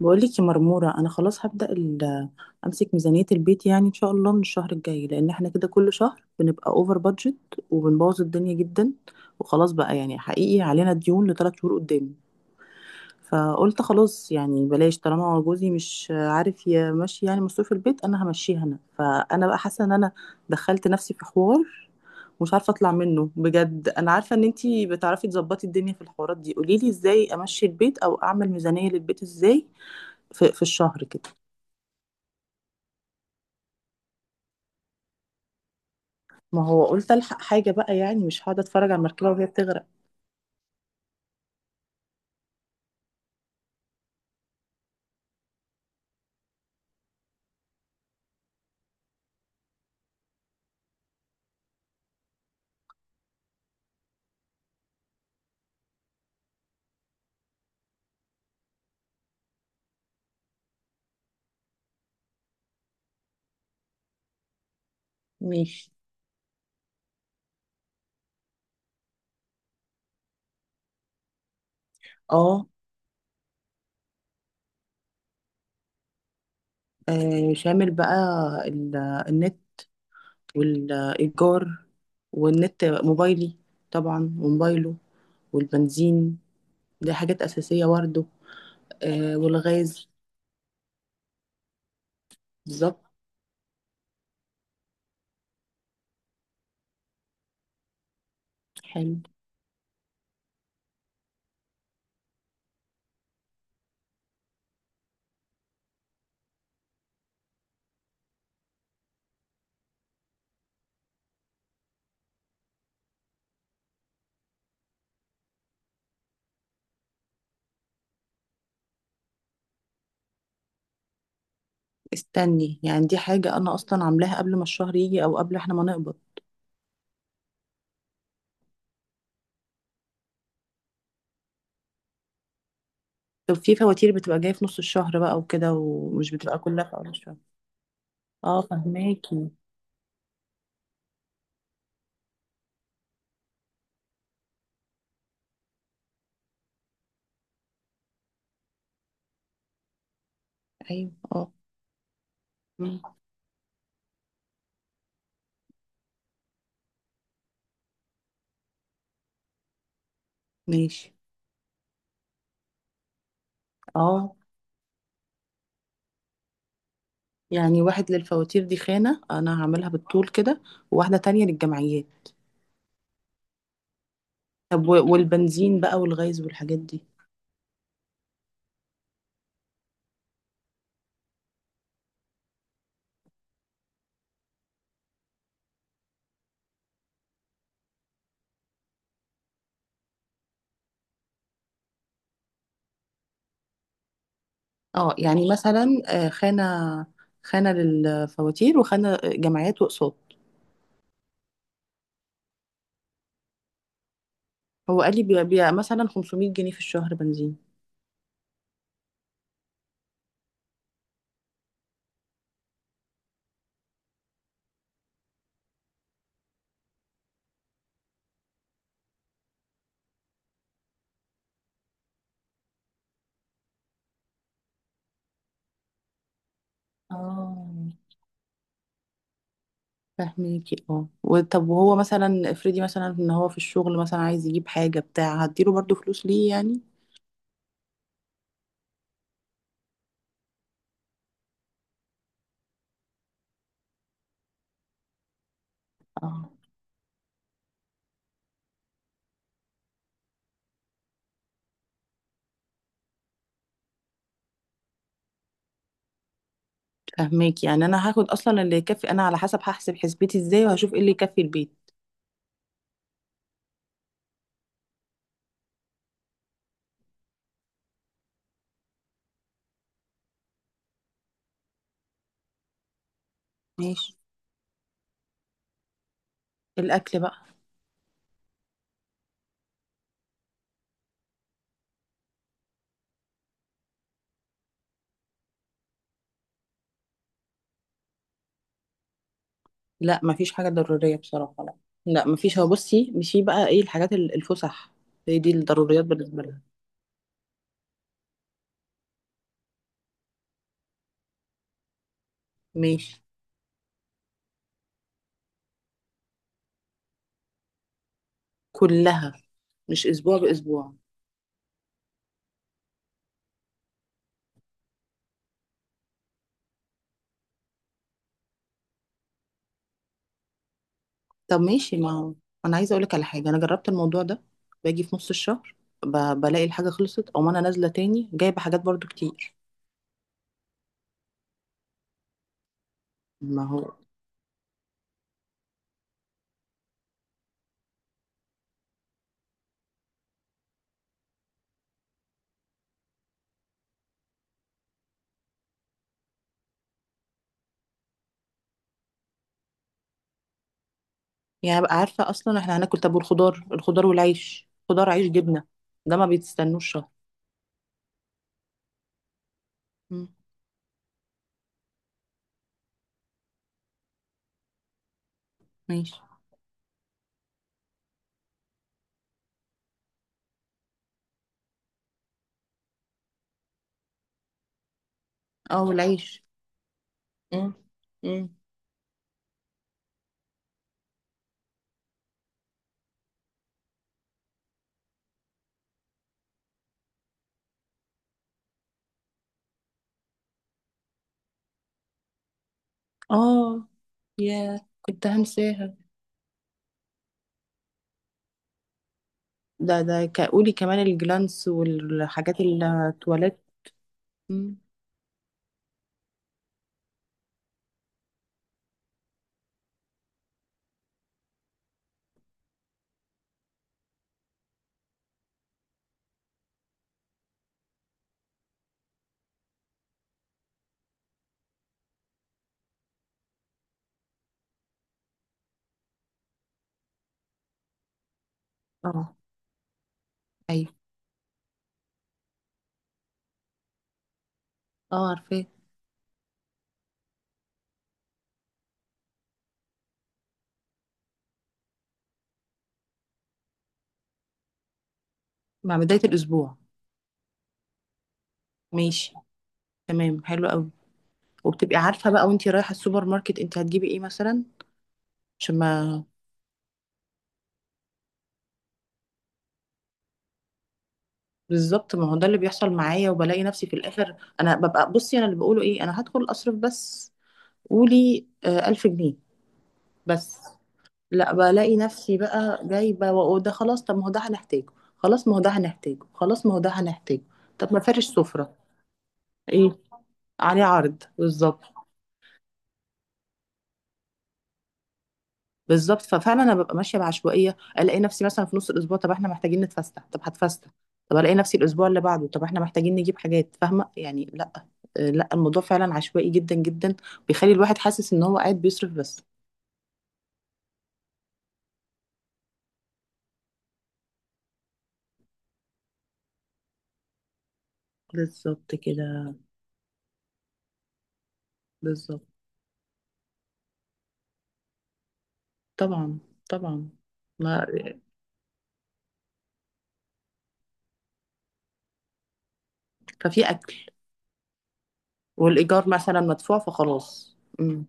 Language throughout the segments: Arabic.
بقولك يا مرمورة، أنا خلاص هبدأ أمسك ميزانية البيت يعني إن شاء الله من الشهر الجاي، لأن إحنا كده كل شهر بنبقى أوفر بادجت وبنبوظ الدنيا جدا. وخلاص بقى، يعني حقيقي علينا ديون ل3 شهور قدام. فقلت خلاص يعني بلاش، طالما هو جوزي مش عارف يمشي يعني مصروف البيت أنا همشيها أنا. فأنا بقى حاسة إن أنا دخلت نفسي في حوار مش عارفة أطلع منه بجد. أنا عارفة إن أنتي بتعرفي تظبطي الدنيا في الحوارات دي، قوليلي إزاي أمشي البيت أو أعمل ميزانية للبيت إزاي في الشهر كده. ما هو قلت الحق حاجه بقى، يعني مش هقعد اتفرج على المركبه وهي بتغرق. ماشي. اه. آه، شامل بقى ال- النت والايجار، والنت موبايلي، طبعا وموبايله والبنزين. دي حاجات اساسيه برضه. آه والغاز. بالظبط. حلو. استني، يعني دي حاجه انا اصلا عاملاها قبل ما الشهر يجي او قبل احنا ما نقبض. طب في فواتير بتبقى جايه في نص الشهر بقى وكده، ومش بتبقى كلها في اول الشهر. اه فهماكي. ايوه. اه. مم. ماشي. اه. يعني واحد للفواتير، دي خانة انا هعملها بالطول كده، وواحدة تانية للجمعيات. طب والبنزين بقى والغاز والحاجات دي. اه يعني مثلا، خانة للفواتير، وخانة، جمعيات واقساط. هو قال لي بيبقى مثلا 500 جنيه في الشهر بنزين. اه فاهميكي. اه طب وهو مثلا افرضي مثلا ان هو في الشغل مثلا عايز يجيب حاجة بتاع، هديله برضو فلوس ليه يعني. اه فهماك، يعني انا هاخد اصلا اللي يكفي، انا على حسب هحسب حسبتي ازاي وهشوف ايه اللي يكفي البيت. ماشي. الاكل بقى. لا مفيش حاجه ضروريه بصراحه، لا. لا مفيش. هو بصي، مشي بقى ايه الحاجات الفسح. هي دي الضروريات بالنسبه لنا. ماشي. كلها، مش اسبوع باسبوع. طب ماشي، ما هو انا عايزه اقولك على حاجه، انا جربت الموضوع ده. باجي في نص الشهر، بلاقي الحاجه خلصت او انا نازله تاني جايبه حاجات برضو كتير. ما هو، يعني ابقى عارفه اصلا احنا هناكل. طب والخضار، الخضار والعيش، خضار عيش جبنه. ده ما بيتستنوش شهر. مم. ماشي. اه والعيش. مم. مم. اه. يا كنت هنساها. ده قولي كمان الجلانس والحاجات التواليت. مم. اه. ايوه. اه عارفاه. مع بداية الأسبوع. ماشي. تمام حلو قوي. وبتبقي عارفة بقى وانتي رايحة السوبر ماركت، انت هتجيبي ايه مثلا؟ عشان ما. بالظبط، ما هو ده اللي بيحصل معايا، وبلاقي نفسي في الاخر انا ببقى بصي، انا اللي بقوله ايه، انا هدخل اصرف بس. قولي آه 1000 جنيه بس. لا بلاقي نفسي بقى جايبه، وده خلاص طب ما هو ده هنحتاجه، خلاص ما هو ده هنحتاجه، خلاص ما هو ده هنحتاجه. طب ما فرش سفره. ايه. عليه عرض. بالظبط. بالظبط، ففعلا انا ببقى ماشيه بعشوائيه، الاقي نفسي مثلا في نص الاسبوع، طب احنا محتاجين نتفسح، طب هتفسح. طب الاقي نفسي الاسبوع اللي بعده، طب احنا محتاجين نجيب حاجات، فاهمه يعني. لا. لا الموضوع فعلا عشوائي جدا جدا. بيخلي الواحد حاسس ان هو قاعد بيصرف بس. بالظبط كده. بالظبط. طبعا. طبعا. ما. ففي اكل. والايجار مثلا مدفوع فخلاص. مم.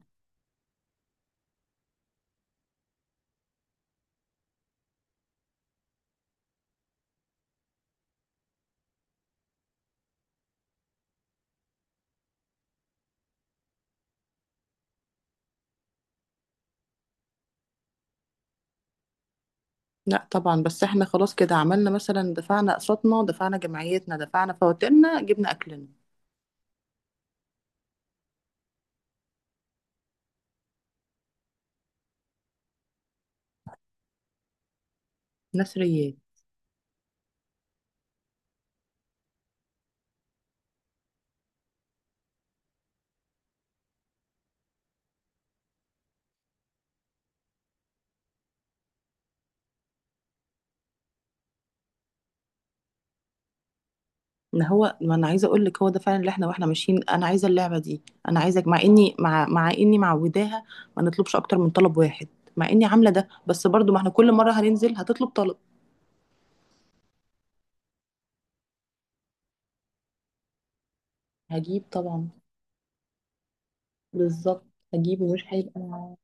لا طبعا، بس احنا خلاص كده عملنا، مثلا دفعنا اقساطنا، دفعنا جمعيتنا، دفعنا فواتيرنا، جبنا اكلنا. ناس ريال. ما هو، ما انا عايزه اقول لك هو ده فعلا اللي احنا واحنا ماشيين، انا عايزه اللعبه دي. انا عايزك، مع اني مع اني معوداها ما نطلبش اكتر من طلب واحد، مع اني عامله ده بس برضو ما احنا كل مره هننزل هتطلب طلب. هجيب طبعا. بالظبط. هجيب ومش هيبقى.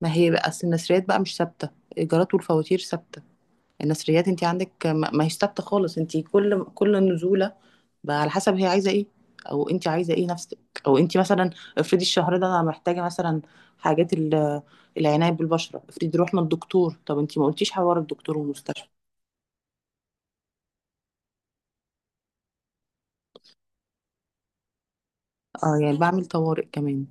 ما هي بقى اصل النسريات بقى مش ثابته، الايجارات والفواتير ثابته، النثريات انت عندك ما هيش ثابته خالص، انت كل نزوله بقى على حسب هي عايزه ايه، او انت عايزه ايه نفسك، او انت مثلا افرضي الشهر ده انا محتاجه مثلا حاجات العنايه بالبشره، افرضي رحنا الدكتور، طب انت ما قلتيش حوار الدكتور والمستشفى. اه يعني بعمل طوارئ كمان.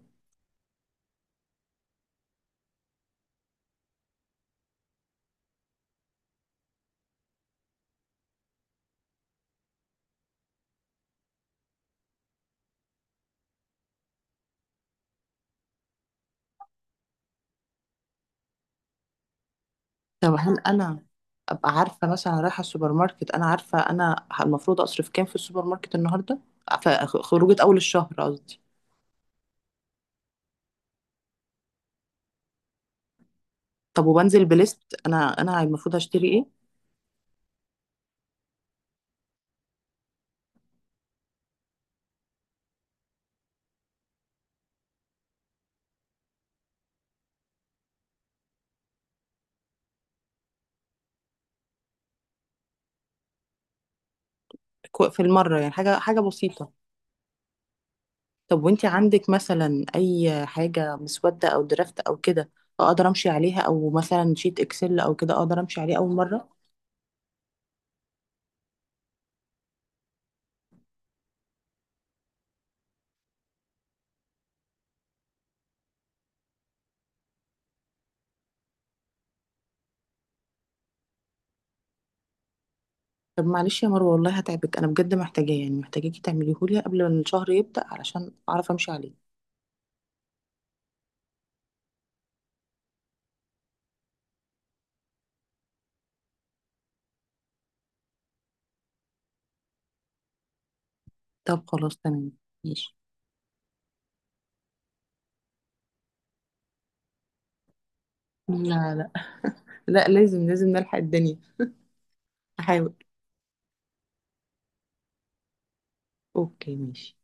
طب هل انا ابقى عارفه مثلا رايحه السوبر ماركت انا عارفه انا المفروض اصرف كام في السوبر ماركت النهارده. ف- خروجه اول الشهر قصدي. طب وبنزل بليست، انا المفروض هشتري ايه. في المرة يعني حاجة، حاجة بسيطة. طب وانتي عندك مثلا أي حاجة مسودة أو درافت أو كده أقدر أمشي عليها، أو مثلا شيت إكسل أو كده أقدر أمشي عليه أول مرة؟ طب معلش يا مروة، والله هتعبك، أنا بجد محتاجاه يعني محتاجاكي تعمليهولي قبل ما الشهر يبدأ علشان أعرف أمشي عليه. طب خلاص تمام. ماشي. لا. لا. لا لازم، لازم نلحق الدنيا. أحاول. أوكي ماشي.